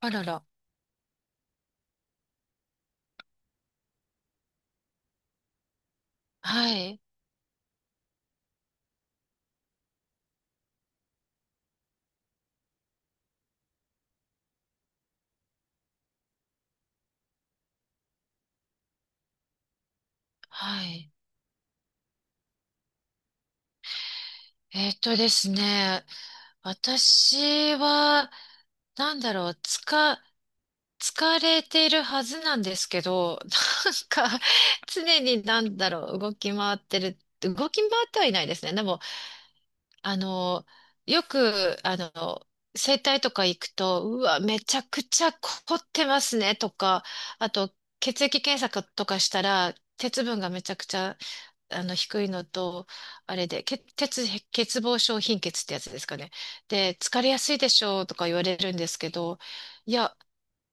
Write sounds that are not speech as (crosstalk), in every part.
あらら。はい。はい。ですね。私は、なんだろう、つか、疲れているはずなんですけど、(laughs) なんか、常に動き回ってはいないですね。でも、あの、よく、整体とか行くと、うわ、めちゃくちゃ凝ってますね、とか、あと、血液検査とかしたら、鉄分がめちゃくちゃ低いのと、あれで、け鉄、欠乏症貧血ってやつですかね。で、疲れやすいでしょうとか言われるんですけど、いや、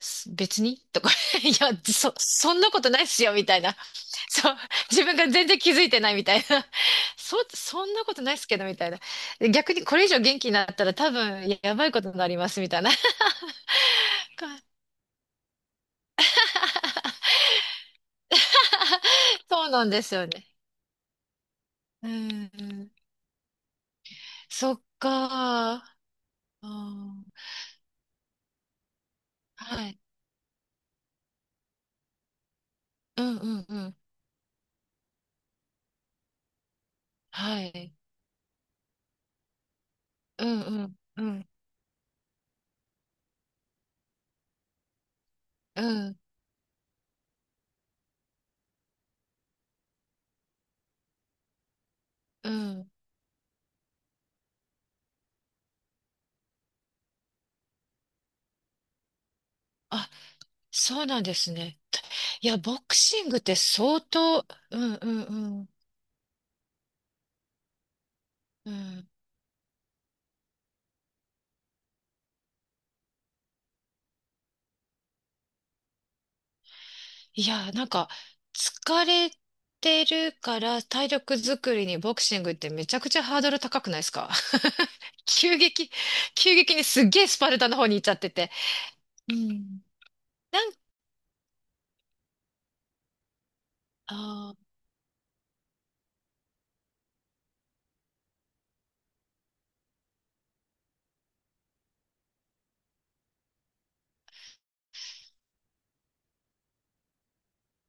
す別にとか、(laughs) いや、そんなことないっすよ、みたいな。(laughs) そう、自分が全然気づいてないみたいな。(laughs) そんなことないっすけど、みたいな。で逆にこれ以上元気になったら多分やばいことになります、みたいな。(laughs) そうなんですよね。うん。そっか。あー、はい。うんうんうん。はい。うんうんうんうんうん。あ、そうなんですね。いや、ボクシングって相当、うんうんうんうん。いや、なんか、疲れてるから体力作りにボクシングってめちゃくちゃハードル高くないですか？ (laughs) 急激、急激にすっげえスパルタの方に行っちゃってて。うん。なんか、あー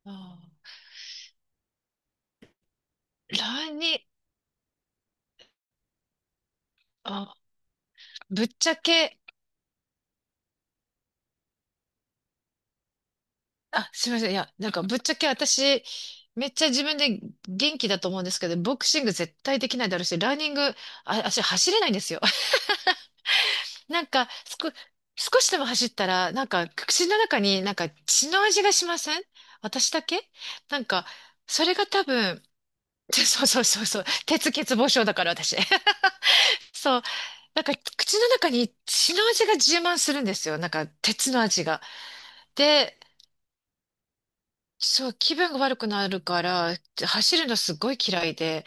あーラニ、あ、ぶっちゃけ、あ、すみません。いや、なんかぶっちゃけ私、めっちゃ自分で元気だと思うんですけど、ボクシング絶対できないだろうし、ランニング、あ、足走れないんですよ。(laughs) なんか、すこ、少しでも走ったら、なんか、口の中になんか血の味がしません？私だけ？なんか、それが多分、(laughs) そうそうそうそう、鉄欠乏症だから私。(laughs) そう、なんか口の中に血の味が充満するんですよ。なんか、鉄の味が。で、そう、気分が悪くなるから、走るのすごい嫌いで、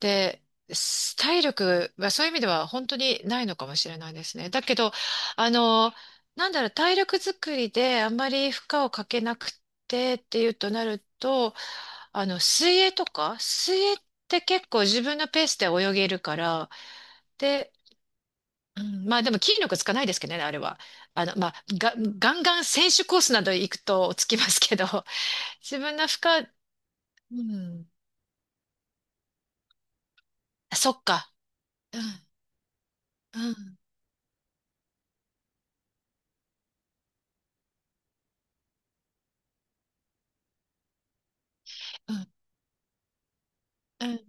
で、す体力はそういう意味では本当にないのかもしれないですね。だけど、あの、体力作りであんまり負荷をかけなくてっていうとなると、水泳とか、水泳って結構自分のペースで泳げるから、で、うん、まあでも筋力つかないですけどね、あれは。あの、まあ、が、ガンガン選手コースなど行くとつきますけど、(laughs) 自分の負荷、うん。そっか。うん、うん、うん、うん。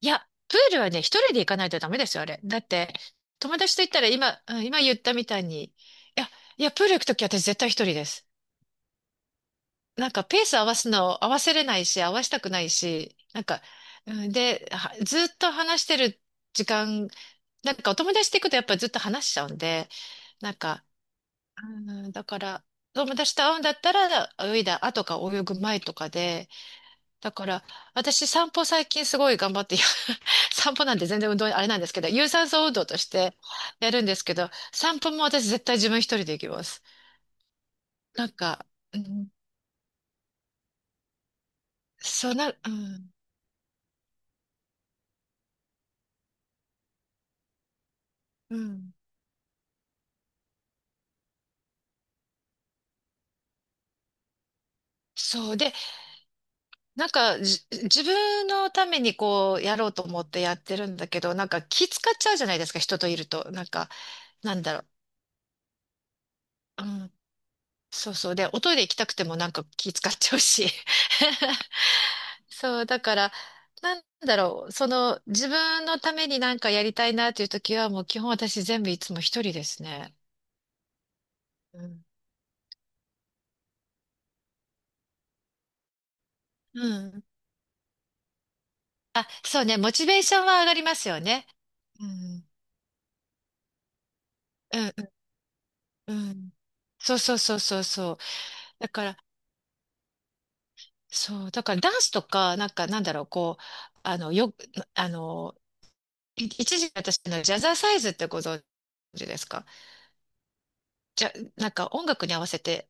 いや、プールはね、一人で行かないとダメですよ、あれ。だって、友達と行ったら今、うん今言ったみたいに、や、いや、プール行くとき私絶対一人です。なんか、ペース合わすの合わせれないし、合わしたくないし、なんか、うんで、はずっと話してる時間、なんかお友達と行くとやっぱずっと話しちゃうんで、なんか、うん、だから、友達と会うんだったら、泳いだ後か泳ぐ前とかで、だから、私散歩最近すごい頑張って、いや (laughs) 散歩なんて全然運動あれなんですけど、有酸素運動としてやるんですけど、散歩も私絶対自分一人で行きます。なんか、うん、そうな、うん、うん。そう。で、自分のためにこう、やろうと思ってやってるんだけど、なんか気使っちゃうじゃないですか、人といると。なんか、なんだろう。うん。そうそう。で、おトイレ行きたくてもなんか気使っちゃうし。(laughs) そう、だから、なんだろう、その、自分のためになんかやりたいなという時は、もう基本私全部いつも一人ですね。うん。うん。あ、そうね、モチベーションは上がりますよね。うん。うん。うん。うん、そうそうそうそうそう。だから、そう、だからダンスとか、なんかなんだろう、こう、あの、よ、あの、い一時私のジャザーサイズってご存知ですか？じゃ、なんか音楽に合わせて、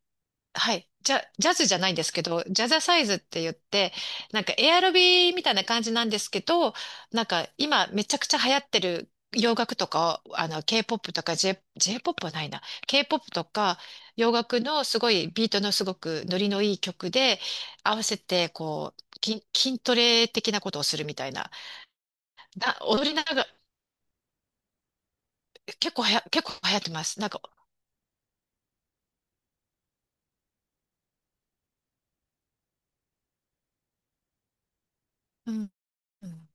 はい。じゃ、ジャズじゃないんですけど、ジャザサイズって言って、なんかエアロビみたいな感じなんですけど、なんか今めちゃくちゃ流行ってる洋楽とか、あの、K-POP とか J-POP はないな。K-POP とか洋楽のすごいビートのすごくノリのいい曲で合わせてこう、筋トレ的なことをするみたいな。踊りながら、結構流行ってます。なんか、うん。うん、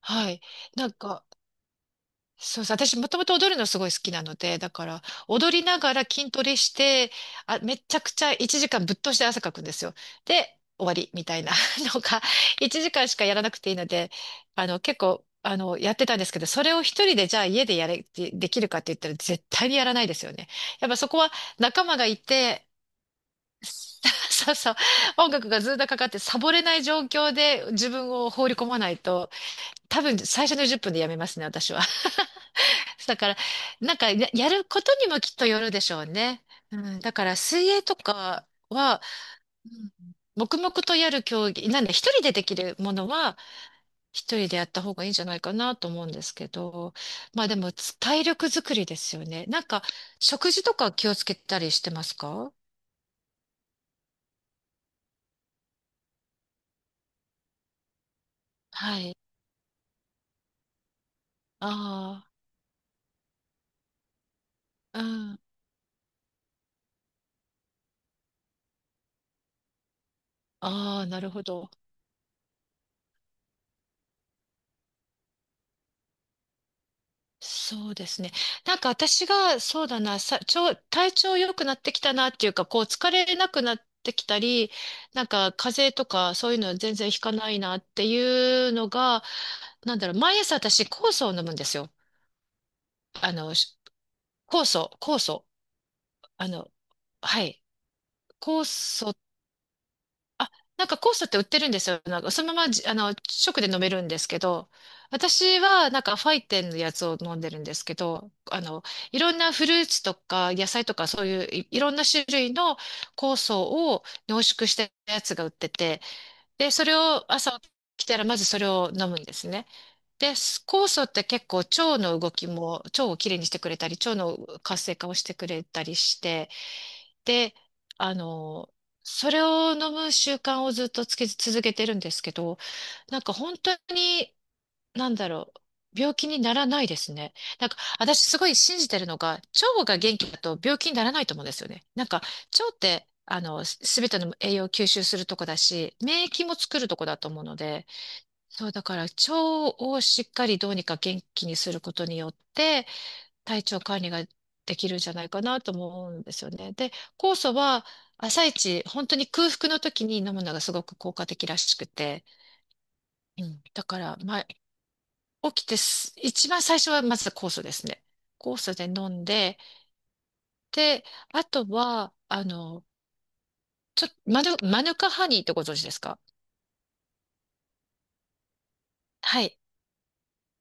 はい。なんか、そうそう、私もともと踊るのすごい好きなので、だから踊りながら筋トレして、あ、めちゃくちゃ1時間ぶっ通して汗かくんですよ。で、終わりみたいな (laughs) のが、1時間しかやらなくていいので、結構、やってたんですけど、それを一人でじゃあ家でやれ、でできるかって言ったら絶対にやらないですよね。やっぱそこは仲間がいて、(laughs) そうそう、音楽がずっとかかってサボれない状況で自分を放り込まないと、多分最初の10分でやめますね、私は。だから、やることにもきっとよるでしょうね。うん、だから、水泳とかは、うん、黙々とやる競技、なんで、一人でできるものは、一人でやった方がいいんじゃないかなと思うんですけど、まあでも、つ体力づくりですよね。なんか、食事とか気をつけたりしてますか？はい。ああ、うん。ああ、なるほど。そうですね。なんか私が、そうだな、さ、ちょ、体調良くなってきたなっていうか、こう疲れなくなってきたり、なんか風邪とかそういうの全然ひかないなっていうのが、なんだろう、毎朝私酵素を飲むんですよ。あの、し酵素、あの、はい。酵素、あ、なんか酵素って売ってるんですよ。なんかそのままじ、あの、直で飲めるんですけど、私はなんかファイテンのやつを飲んでるんですけど、あの、いろんなフルーツとか野菜とかそういういろんな種類の酵素を濃縮したやつが売ってて、で、それを朝起きたらまずそれを飲むんですね。で、酵素って結構腸の動きも、腸をきれいにしてくれたり、腸の活性化をしてくれたりして、で、あの、それを飲む習慣をずっとつけ続けてるんですけど、なんか本当に、なんだろう、病気にならないですね。なんか私すごい信じてるのが、腸が元気だと病気にならないと思うんですよね。なんか腸って、あの、すべての栄養を吸収するとこだし、免疫も作るとこだと思うので、そう、だから腸をしっかりどうにか元気にすることによって、体調管理ができるんじゃないかなとも思うんですよね。で、酵素は朝一、本当に空腹の時に飲むのがすごく効果的らしくて、うん、だから、まあ、起きてす一番最初はまず酵素ですね。酵素で飲んで、で、あとは、あの、ちょっと、マヌカハニーってご存知ですか？はい。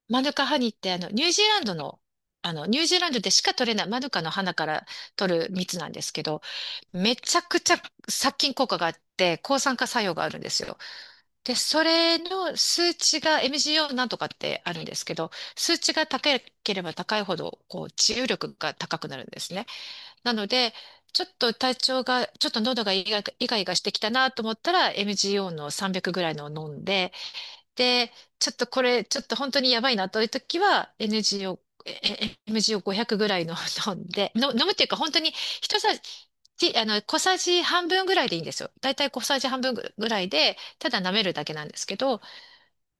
マヌカハニーってあのニュージーランドの、あのニュージーランドでしか取れないマヌカの花から取る蜜なんですけど、めちゃくちゃ殺菌効果があって抗酸化作用があるんですよ。で、それの数値が MGO なんとかってあるんですけど、数値が高ければ高いほどこう治癒力が高くなるんですね。なので、ちょっと体調が、ちょっと喉がイガイガイガイガしてきたなと思ったら MGO の300ぐらいのを飲んで、で、ちょっとこれ、ちょっと本当にやばいなという時は、NG を、え MG を500ぐらいの (laughs) 飲んで、の飲むっていうか本当に一さじ、あの、小さじ半分ぐらいでいいんですよ。だいたい小さじ半分ぐらいで、ただ舐めるだけなんですけど、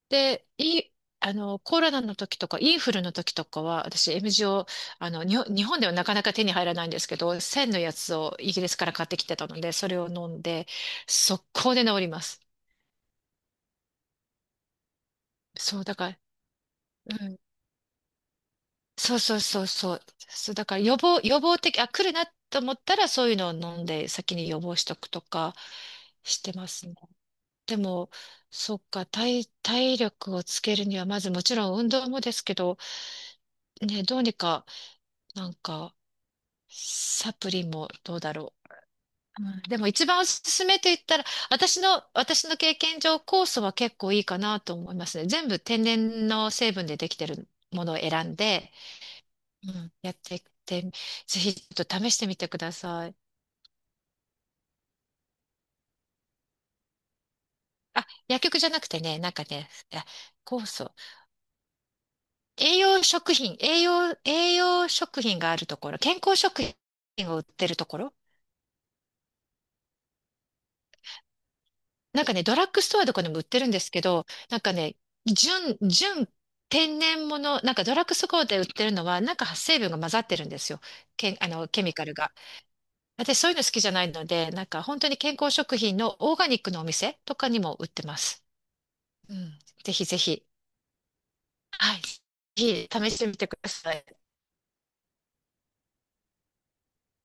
で、いい、あの、コロナの時とか、インフルの時とかは、私、MG を、あの、にほん日本ではなかなか手に入らないんですけど、1000のやつをイギリスから買ってきてたので、それを飲んで、速攻で治ります。そう、だから、うん、そうそうそうそう。そう、だから予防的、あ、来るなと思ったらそういうのを飲んで先に予防しとくとかしてますね。でも、そっか、体力をつけるには、まずもちろん運動もですけど、ね、どうにか、なんか、サプリもどうだろう。うん、でも一番おすすめと言ったら、私の経験上、酵素は結構いいかなと思いますね。全部天然の成分でできてるものを選んで、うん、やってって、ぜひちょっと試してみてください。あ、薬局じゃなくてね、なんかね、いや、酵素。栄養食品があるところ、健康食品を売ってるところ。なんかね、ドラッグストアとかでも売ってるんですけど、なんかね、純天然物なんかドラッグストアで売ってるのは、なんか成分が混ざってるんですよ。け、あの、ケミカルが。私そういうの好きじゃないので、なんか本当に健康食品のオーガニックのお店とかにも売ってます。うん、ぜひぜひ、はい、ぜひ試してみてください。